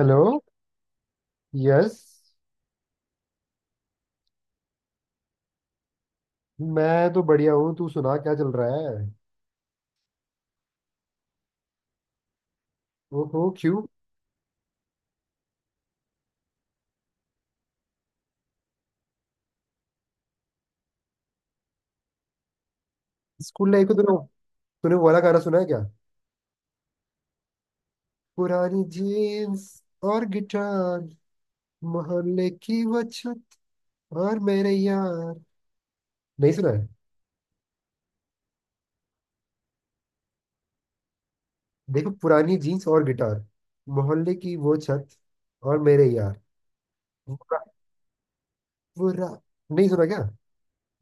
Hello. Yes. मैं तो बढ़िया हूँ, तू सुना क्या चल रहा है? ओहो, क्यों? स्कूल लाइफ का तूने तूने वो वाला गाना सुना है क्या? पुरानी जीन्स और गिटार, मोहल्ले की बचत और मेरे यार, नहीं सुना है? देखो, पुरानी जीन्स और गिटार, मोहल्ले की वो छत और मेरे यार। वो रा- वो रा- नहीं सुना क्या?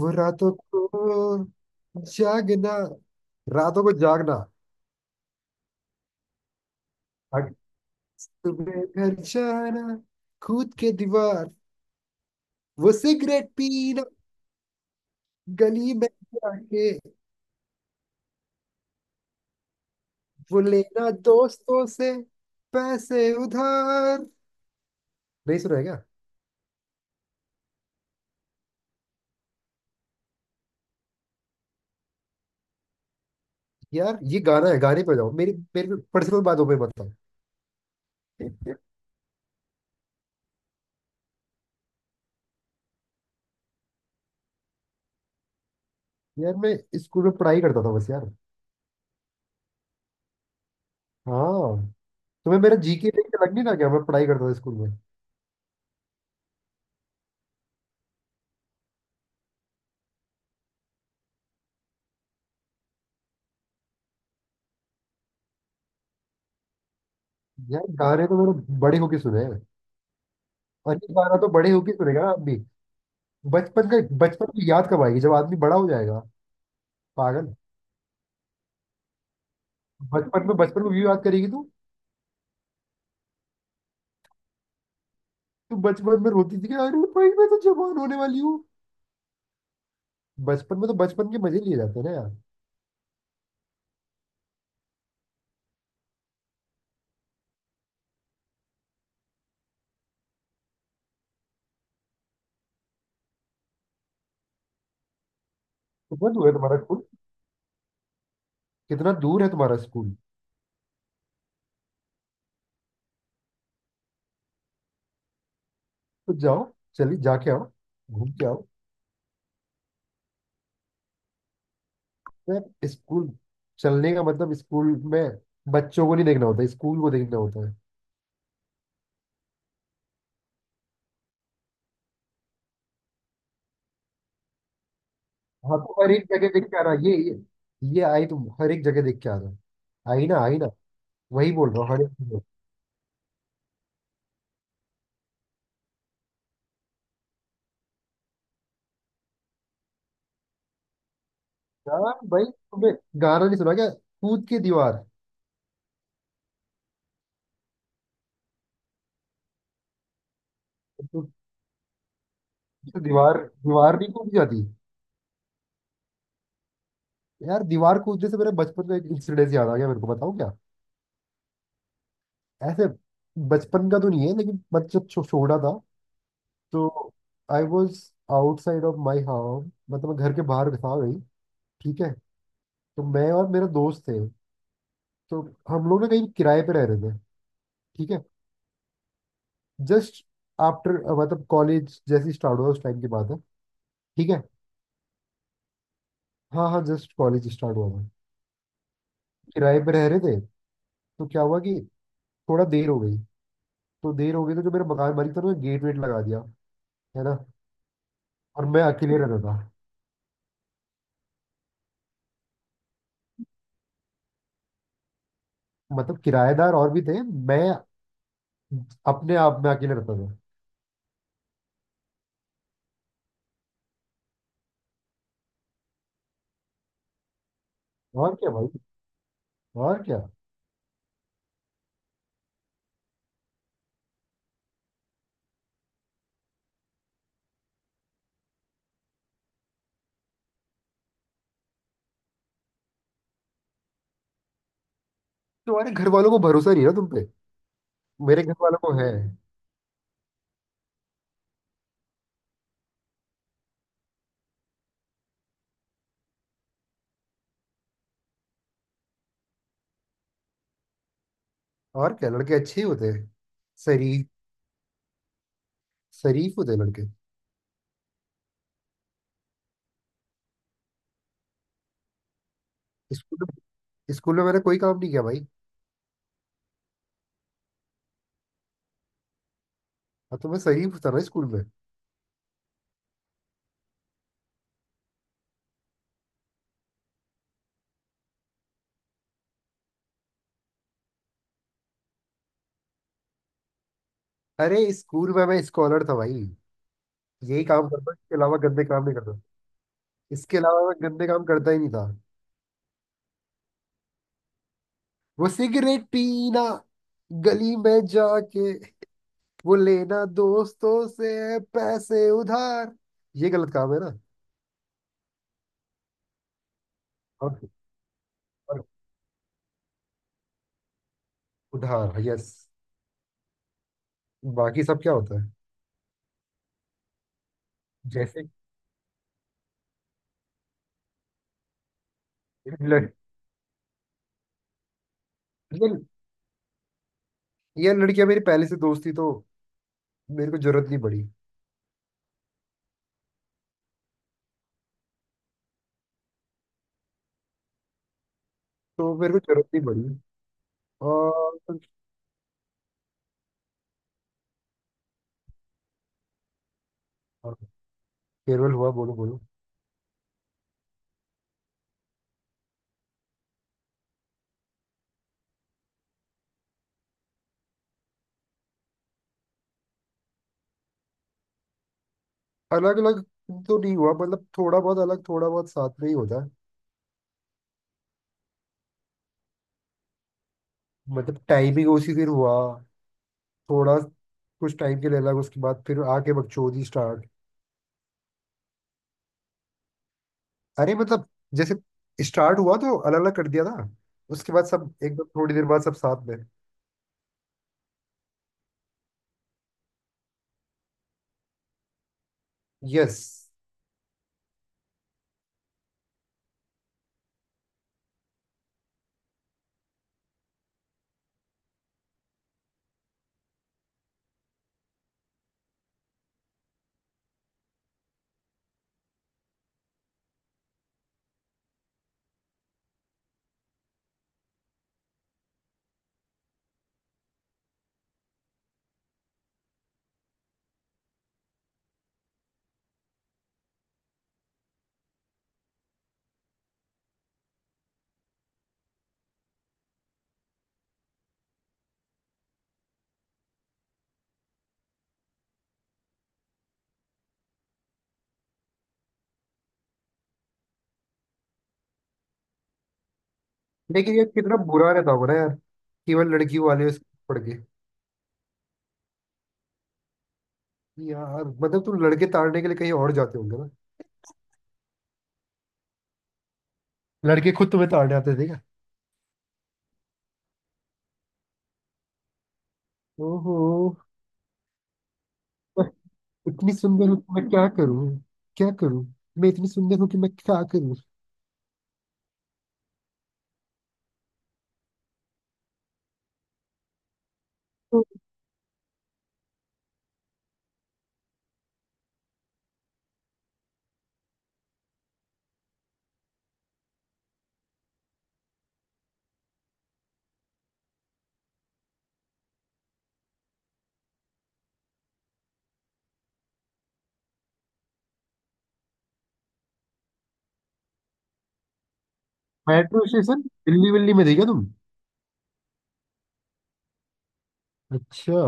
वो रातों को जागना, रातों को जागना, सुबह घर जाना, कूद के दीवार, वो सिगरेट पीना गली में जाके, वो लेना दोस्तों से पैसे उधार। नहीं सुना है क्या? यार ये गाना है, गाने पे जाओ, मेरी मेरी पर्सनल बातों पे मत आओ। यार मैं स्कूल में पढ़ाई करता था बस, यार। हाँ। तुम्हें मेरा जीके देख के लग नहीं रहा क्या मैं पढ़ाई करता था स्कूल में? यार गाने तो मैंने बड़े होके सुने हैं। और ये गाना तो बड़े होके सुनेगा आप भी, बचपन का। बचपन की याद कब आएगी जब आदमी बड़ा हो जाएगा? पागल। बचपन में भी बात करेगी तू? तू बचपन में रोती थी कि अरे भाई मैं तो जवान होने वाली हूँ? बचपन में तो बचपन के मजे लिए जाते हैं ना यार। कितना दूर है तुम्हारा स्कूल? कितना दूर है तुम्हारा स्कूल? तो जाओ। चलिए जाके आओ, घूम के आओ। यार स्कूल चलने का मतलब स्कूल में बच्चों को नहीं देखना होता, स्कूल को देखना होता है। हाँ, तो हर एक जगह देख के आना। ये ये आई तुम, हर एक जगह देख के आना। आई ना, आई ना? वही बोल रहा हूँ, हर एक जगह। यार भाई तुम्हें गाना नहीं सुना क्या? कूद के दीवार तो दीवार दीवार नहीं कूदी जाती? यार दीवार कूदने से मेरे बचपन का एक इंसिडेंस याद आ गया, मेरे को बताओ। क्या ऐसे? बचपन का तो नहीं है, लेकिन मैं जब छोटा था, तो I was outside of my house, मतलब मैं घर के बाहर था वही। ठीक है? तो मैं और मेरा दोस्त थे, तो हम लोग ना कहीं किराए पे रह रहे थे। ठीक है? जस्ट आफ्टर, मतलब कॉलेज जैसे स्टार्ट हुआ उस टाइम की बात है। ठीक है? हाँ हाँ, जस्ट कॉलेज स्टार्ट हुआ था। किराए पे रह रहे थे, तो क्या हुआ कि थोड़ा देर हो गई। तो देर हो गई, तो जो मेरा मकान मालिक था उन्होंने गेट वेट लगा दिया, है ना? और मैं अकेले रहता था। मतलब किराएदार और भी थे, मैं अपने आप में अकेले रहता था। और क्या भाई, और क्या। तुम्हारे घर वालों को भरोसा नहीं है ना तुम पे, मेरे घर वालों को है। और क्या, लड़के अच्छे ही होते हैं। शरीफ, शरीफ होते हैं लड़के। स्कूल में, स्कूल में मैंने कोई काम नहीं किया भाई। अब तो मैं शरीफ था ना स्कूल में। अरे स्कूल में मैं स्कॉलर था भाई। यही काम करता, इसके अलावा गंदे काम नहीं करता। इसके अलावा मैं गंदे काम करता ही नहीं था। वो सिगरेट पीना गली में जाके, वो लेना दोस्तों से पैसे उधार, ये गलत काम है ना। और, और उधार, यस। बाकी सब क्या होता है? जैसे लड़, ये, ये लड़कियां मेरी पहले से दोस्त थी, तो मेरे को जरूरत नहीं पड़ी। तो मेरे को जरूरत नहीं पड़ी। और। और फेयरवेल हुआ, बोलो बोलो। अलग अलग तो नहीं हुआ, मतलब थोड़ा बहुत अलग थोड़ा बहुत साथ में ही होता है। मतलब टाइमिंग उसी दिन हुआ, थोड़ा कुछ टाइम के लिए अलग, उसके बाद फिर आके बकचोदी स्टार्ट। अरे मतलब जैसे स्टार्ट हुआ तो अलग अलग कर दिया था, उसके बाद सब एकदम थोड़ी देर बाद सब साथ में। यस। लेकिन ये कितना बुरा रहता होगा ना यार, केवल लड़की वाले उस पड़ के। यार मतलब तुम लड़के ताड़ने के लिए कहीं और जाते होंगे ना? लड़के खुद तुम्हें ताड़ने आते थे क्या? ओहो। मैं इतनी सुंदर हूँ कि मैं क्या करूँ? क्या करूँ? मैं इतनी सुंदर हूँ कि मैं क्या करूँ? मेट्रो स्टेशन दिल्ली विल्ली में थी क्या तुम? अच्छा।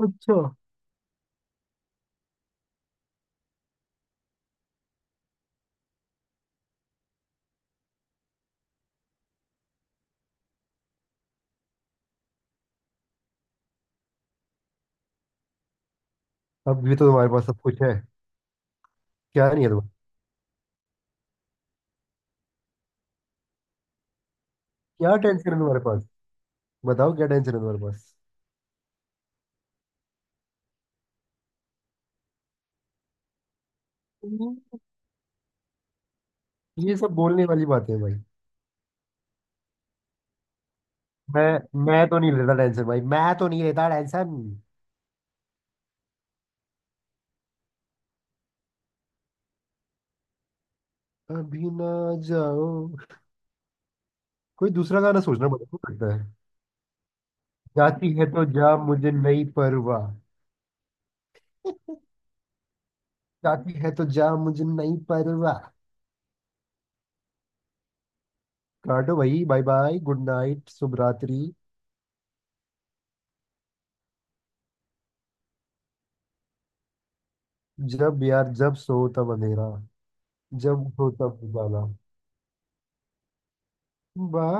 अच्छा, अब भी तो तुम्हारे पास सब कुछ है। क्या नहीं है तुम्हारे? क्या टेंशन है तुम्हारे पास? बताओ क्या टेंशन है तुम्हारे पास? हम्म। ये सब बोलने वाली बातें हैं भाई। मैं तो नहीं लेता टेंशन भाई, मैं तो नहीं लेता टेंशन। अभी ना, जाओ। कोई दूसरा गाना सोचना पड़ेगा लगता है। जाती है तो जा, मुझे नहीं परवाह। जाती है तो जा, मुझे नहीं परवाह। काटो भाई, बाय बाय, गुड नाइट, शुभ रात्रि। जब यार, जब सो तब अंधेरा, जब उठो तब उजाला। बाय।